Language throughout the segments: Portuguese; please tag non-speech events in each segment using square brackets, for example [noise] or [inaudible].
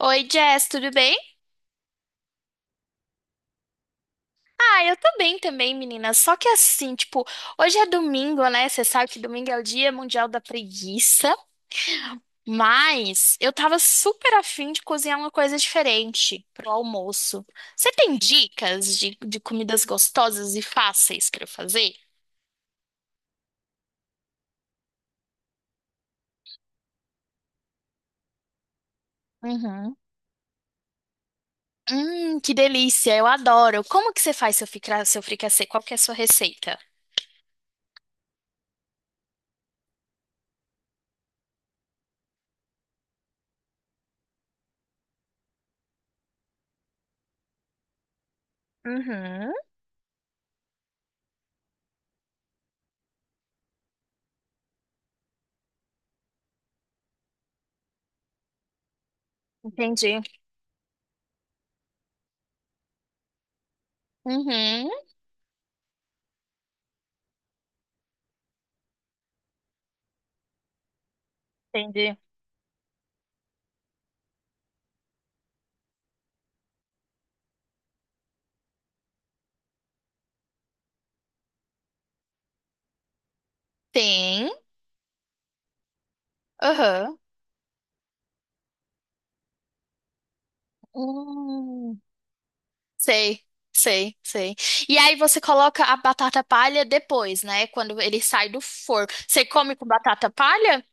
Oi, Jess, tudo bem? Ah, eu tô bem também, menina. Só que assim, tipo, hoje é domingo, né? Você sabe que domingo é o Dia Mundial da Preguiça. Mas eu tava super afim de cozinhar uma coisa diferente pro almoço. Você tem dicas de comidas gostosas e fáceis pra eu fazer? Uhum. Que delícia, eu adoro. Como que você faz seu fricassê? Qual que é a sua receita? Uhum. Entendi. Uhum, entendi. Tem. Aham. Hum, sei, sei, sei. E aí você coloca a batata palha depois, né? Quando ele sai do forno. Você come com batata palha?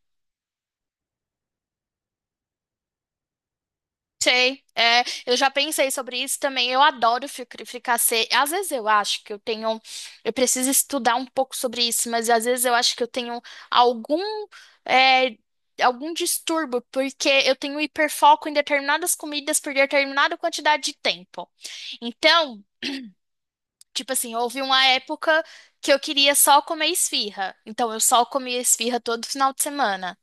Sei. É, eu já pensei sobre isso também. Eu adoro fricassê. Às vezes eu acho que eu tenho. Eu preciso estudar um pouco sobre isso, mas às vezes eu acho que eu tenho algum. é, Algum distúrbio, porque eu tenho hiperfoco em determinadas comidas por determinada quantidade de tempo. Então, tipo assim, houve uma época que eu queria só comer esfirra. Então eu só comia esfirra todo final de semana.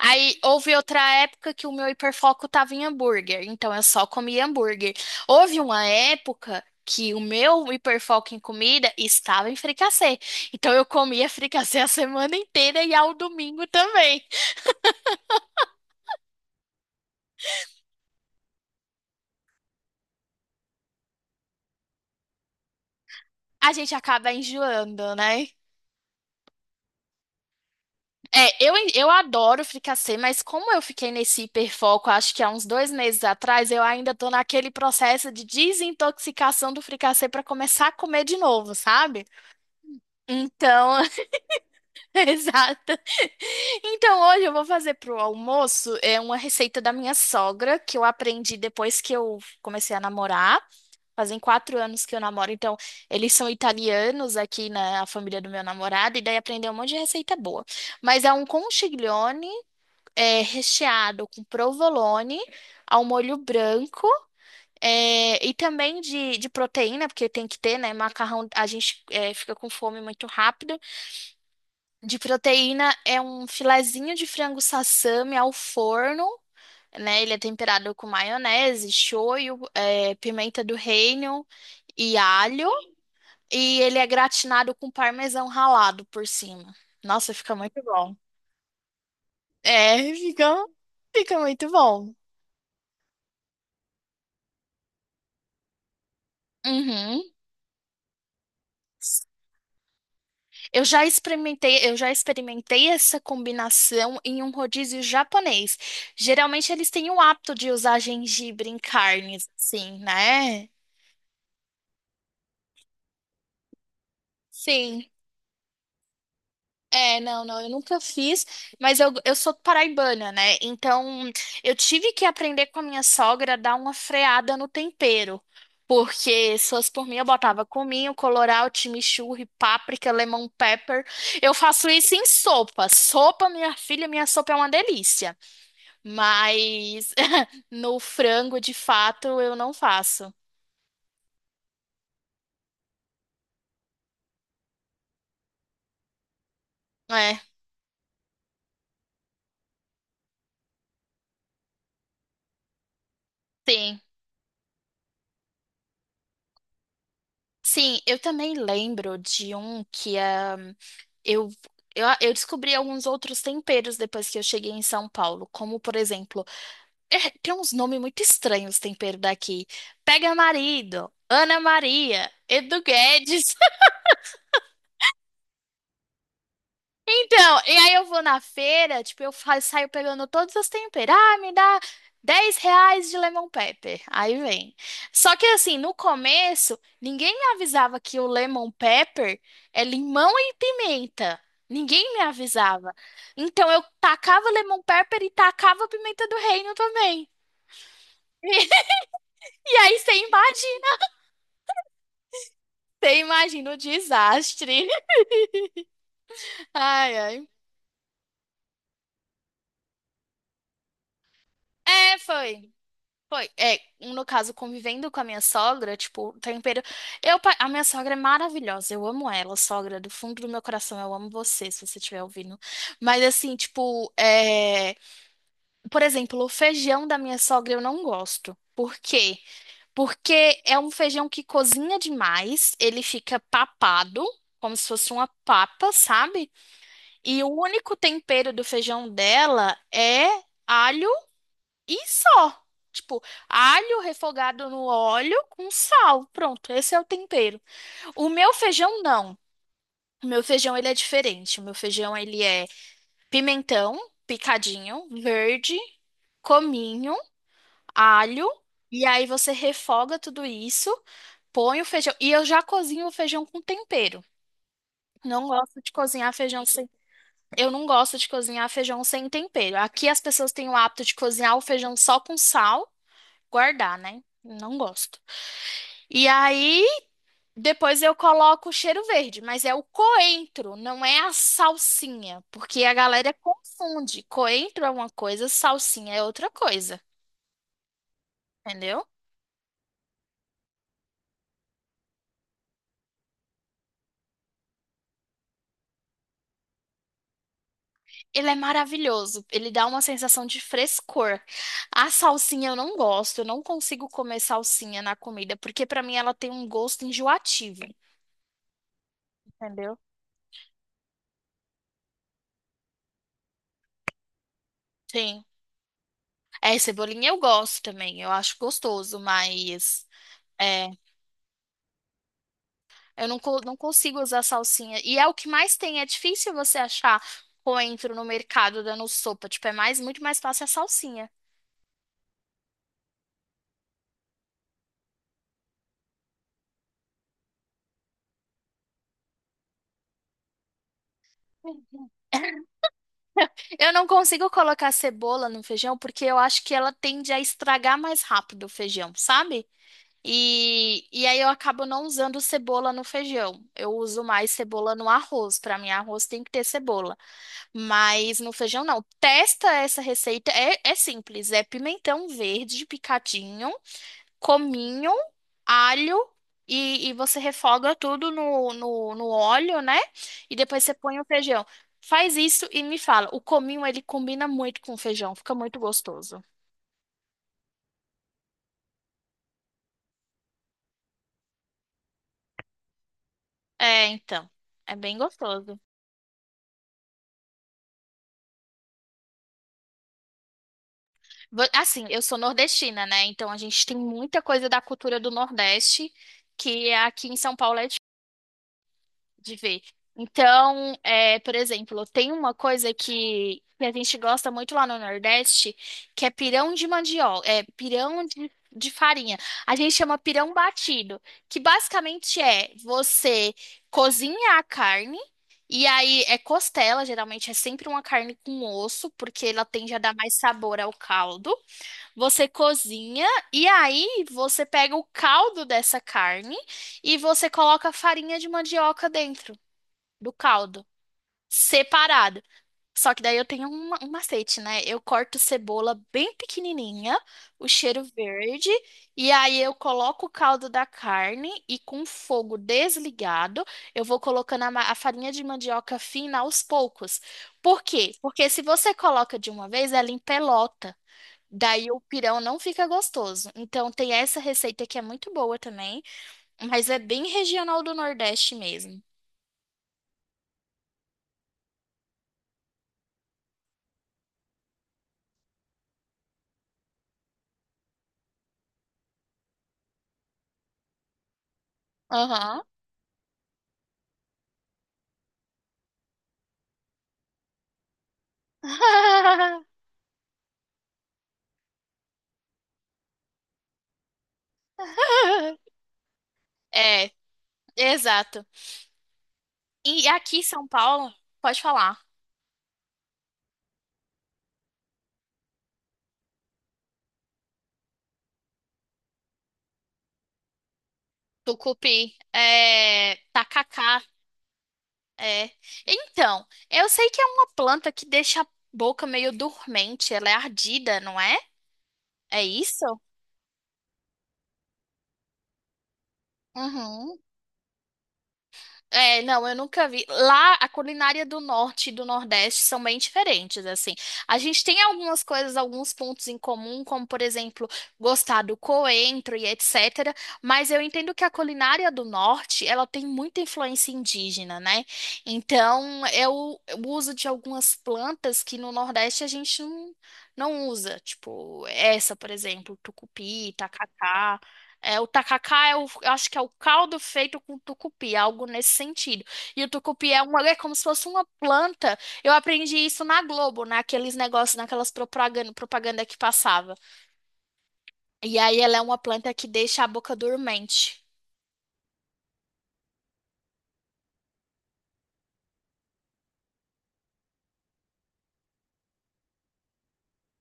Aí houve outra época que o meu hiperfoco tava em hambúrguer. Então eu só comia hambúrguer. Houve uma época que o meu hiperfoco em comida estava em fricassê. Então eu comia fricassê a semana inteira e ao domingo também. A gente acaba enjoando, né? É, eu adoro fricassê, mas como eu fiquei nesse hiperfoco, acho que há uns 2 meses atrás, eu ainda tô naquele processo de desintoxicação do fricassê para começar a comer de novo, sabe? Então, [laughs] exato. Então, hoje eu vou fazer pro almoço é uma receita da minha sogra que eu aprendi depois que eu comecei a namorar. Fazem 4 anos que eu namoro, então eles são italianos aqui na família do meu namorado, e daí aprendeu um monte de receita boa. Mas é um conchiglione recheado com provolone ao molho branco. E também de, proteína, porque tem que ter, né? Macarrão, a gente fica com fome muito rápido. De proteína é um filezinho de frango sassami ao forno, né? Ele é temperado com maionese, shoyu, pimenta do reino e alho. E ele é gratinado com parmesão ralado por cima. Nossa, fica muito bom. É, fica muito bom. Uhum. Eu já experimentei essa combinação em um rodízio japonês. Geralmente eles têm o hábito de usar gengibre em carnes, assim, né? Sim. É, não, não, eu nunca fiz, mas eu sou paraibana, né? Então eu tive que aprender com a minha sogra a dar uma freada no tempero. Porque se fosse por mim, eu botava cominho, colorau, chimichurri, páprica, lemon pepper. Eu faço isso em sopa. Sopa, minha filha, minha sopa é uma delícia. Mas [laughs] no frango, de fato, eu não faço. É, sim. Sim, eu também lembro de um que ah, eu, eu descobri alguns outros temperos depois que eu cheguei em São Paulo. Como, por exemplo, tem uns nomes muito estranhos tempero daqui. Pega marido, Ana Maria, Edu Guedes. Então, e aí eu vou na feira, tipo, saio pegando todas as temperas. Ah, me dá R$ 10 de lemon pepper. Aí vem. Só que assim, no começo, ninguém me avisava que o lemon pepper é limão e pimenta. Ninguém me avisava. Então eu tacava lemon pepper e tacava pimenta do reino também. [laughs] E aí você imagina o desastre. [laughs] Ai, ai. É, foi. Foi, no caso, convivendo com a minha sogra, tipo, o tempero. A minha sogra é maravilhosa, eu amo ela, sogra, do fundo do meu coração, eu amo você, se você estiver ouvindo. Mas, assim, tipo, por exemplo, o feijão da minha sogra eu não gosto. Por quê? Porque é um feijão que cozinha demais, ele fica papado, como se fosse uma papa, sabe? E o único tempero do feijão dela é alho e só. Tipo, alho refogado no óleo com sal. Pronto, esse é o tempero. O meu feijão não. O meu feijão ele é diferente. O meu feijão ele é pimentão picadinho, verde, cominho, alho. E aí você refoga tudo isso, põe o feijão. E eu já cozinho o feijão com tempero. Não gosto de cozinhar feijão sem. Eu não gosto de cozinhar feijão sem tempero. Aqui as pessoas têm o hábito de cozinhar o feijão só com sal, guardar, né? Não gosto. E aí, depois eu coloco o cheiro verde, mas é o coentro, não é a salsinha, porque a galera confunde. Coentro é uma coisa, salsinha é outra coisa, entendeu? Ele é maravilhoso, ele dá uma sensação de frescor. A salsinha eu não gosto, eu não consigo comer salsinha na comida, porque pra mim ela tem um gosto enjoativo, entendeu? Sim. É, cebolinha eu gosto também, eu acho gostoso, mas. é, Eu não consigo usar salsinha. E é o que mais tem. É difícil você achar coentro no mercado dando sopa. Tipo, é muito mais fácil a salsinha. Eu não consigo colocar cebola no feijão porque eu acho que ela tende a estragar mais rápido o feijão, sabe? E aí eu acabo não usando cebola no feijão. Eu uso mais cebola no arroz. Para mim, arroz tem que ter cebola. Mas no feijão não. Testa essa receita. É simples. É pimentão verde picadinho. Cominho, alho e você refoga tudo no, no óleo, né? E depois você põe o feijão. Faz isso e me fala. O cominho, ele combina muito com o feijão, fica muito gostoso. É, então. É bem gostoso. Assim, eu sou nordestina, né? Então a gente tem muita coisa da cultura do Nordeste que aqui em São Paulo é de ver. Então, por exemplo, tem uma coisa que a gente gosta muito lá no Nordeste, que é pirão de mandioca, é pirão de, farinha. A gente chama pirão batido, que basicamente é você cozinha a carne, e aí é costela, geralmente é sempre uma carne com osso, porque ela tende a dar mais sabor ao caldo. Você cozinha, e aí você pega o caldo dessa carne e você coloca a farinha de mandioca dentro do caldo, separado. Só que daí eu tenho um macete, né? Eu corto cebola bem pequenininha, o cheiro verde, e aí eu coloco o caldo da carne e com fogo desligado, eu vou colocando a farinha de mandioca fina aos poucos. Por quê? Porque se você coloca de uma vez, ela empelota. Daí o pirão não fica gostoso. Então tem essa receita que é muito boa também, mas é bem regional do Nordeste mesmo. Aham. [laughs] É, exato. E aqui em São Paulo, pode falar. Tucupi, tacacá, é. Então, eu sei que é uma planta que deixa a boca meio dormente, ela é ardida, não é? É isso? Uhum. É, não, eu nunca vi. Lá, a culinária do norte e do nordeste são bem diferentes, assim. A gente tem algumas coisas, alguns pontos em comum, como, por exemplo, gostar do coentro e etc. Mas eu entendo que a culinária do norte, ela tem muita influência indígena, né? Então, é o uso de algumas plantas que no nordeste a gente não, não usa. Tipo, essa, por exemplo, tucupi, tacacá. É, o tacacá é eu acho que é o caldo feito com tucupi, algo nesse sentido. E o tucupi é é como se fosse uma planta. Eu aprendi isso na Globo, naqueles negócios, naquelas propaganda que passava. E aí ela é uma planta que deixa a boca dormente.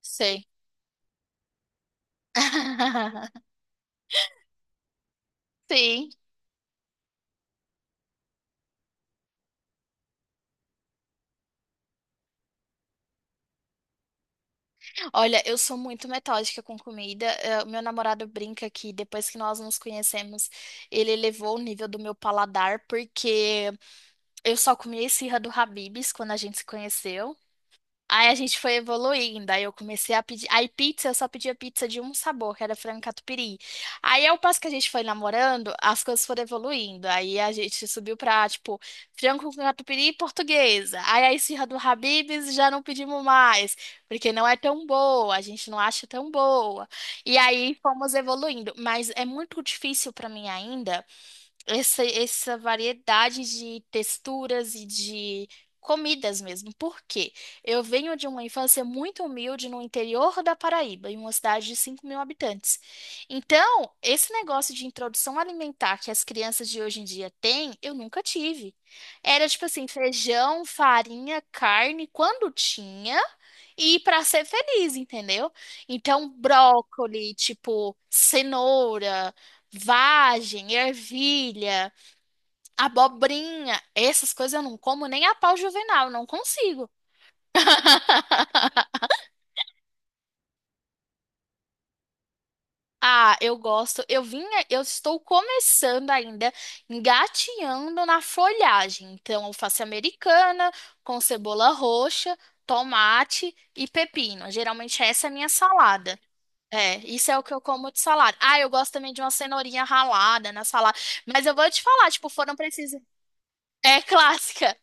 Sei. [laughs] Sim. Olha, eu sou muito metódica com comida. Meu namorado brinca que depois que nós nos conhecemos, ele elevou o nível do meu paladar, porque eu só comia esfirra do Habib's quando a gente se conheceu. Aí a gente foi evoluindo, aí eu comecei a pedir. Aí pizza, eu só pedia pizza de um sabor, que era frango catupiry. Aí ao passo que a gente foi namorando, as coisas foram evoluindo. Aí a gente subiu pra, tipo, frango com catupiry e portuguesa. Aí a esfirra do Habib's já não pedimos mais, porque não é tão boa, a gente não acha tão boa. E aí fomos evoluindo, mas é muito difícil pra mim ainda essa, variedade de texturas e de comidas mesmo. Por quê? Eu venho de uma infância muito humilde no interior da Paraíba, em uma cidade de 5.000 habitantes. Então, esse negócio de introdução alimentar que as crianças de hoje em dia têm, eu nunca tive. Era tipo assim, feijão, farinha, carne, quando tinha. E para ser feliz, entendeu? Então, brócoli, tipo, cenoura. Vagem, ervilha, abobrinha, essas coisas eu não como nem a pau juvenal, não consigo. [laughs] Ah, eu gosto. Eu estou começando ainda, engatinhando na folhagem. Então, alface americana com cebola roxa, tomate e pepino. Geralmente essa é a minha salada. É, isso é o que eu como de salada. Ah, eu gosto também de uma cenourinha ralada na salada. Mas eu vou te falar, tipo, foram precisas. É clássica.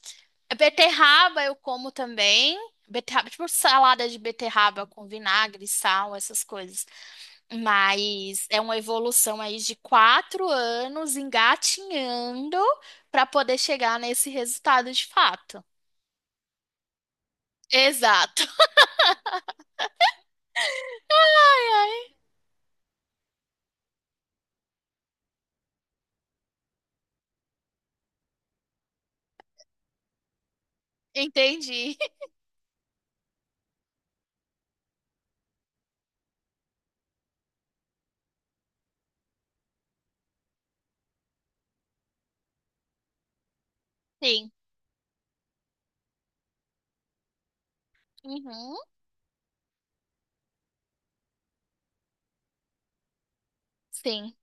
Beterraba eu como também. Beterraba, tipo salada de beterraba com vinagre, sal, essas coisas. Mas é uma evolução aí de 4 anos engatinhando para poder chegar nesse resultado de fato. Exato. [laughs] Entendi. Sim. Uhum. Sim.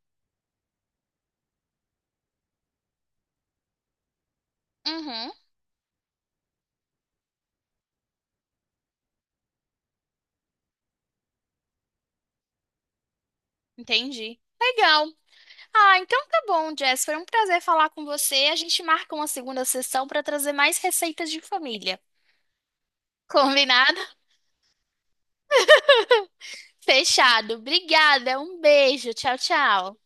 Uhum. Entendi. Legal. Ah, então tá bom, Jess. Foi um prazer falar com você. A gente marca uma segunda sessão para trazer mais receitas de família. Combinado? Fechado. Obrigada. Um beijo. Tchau, tchau.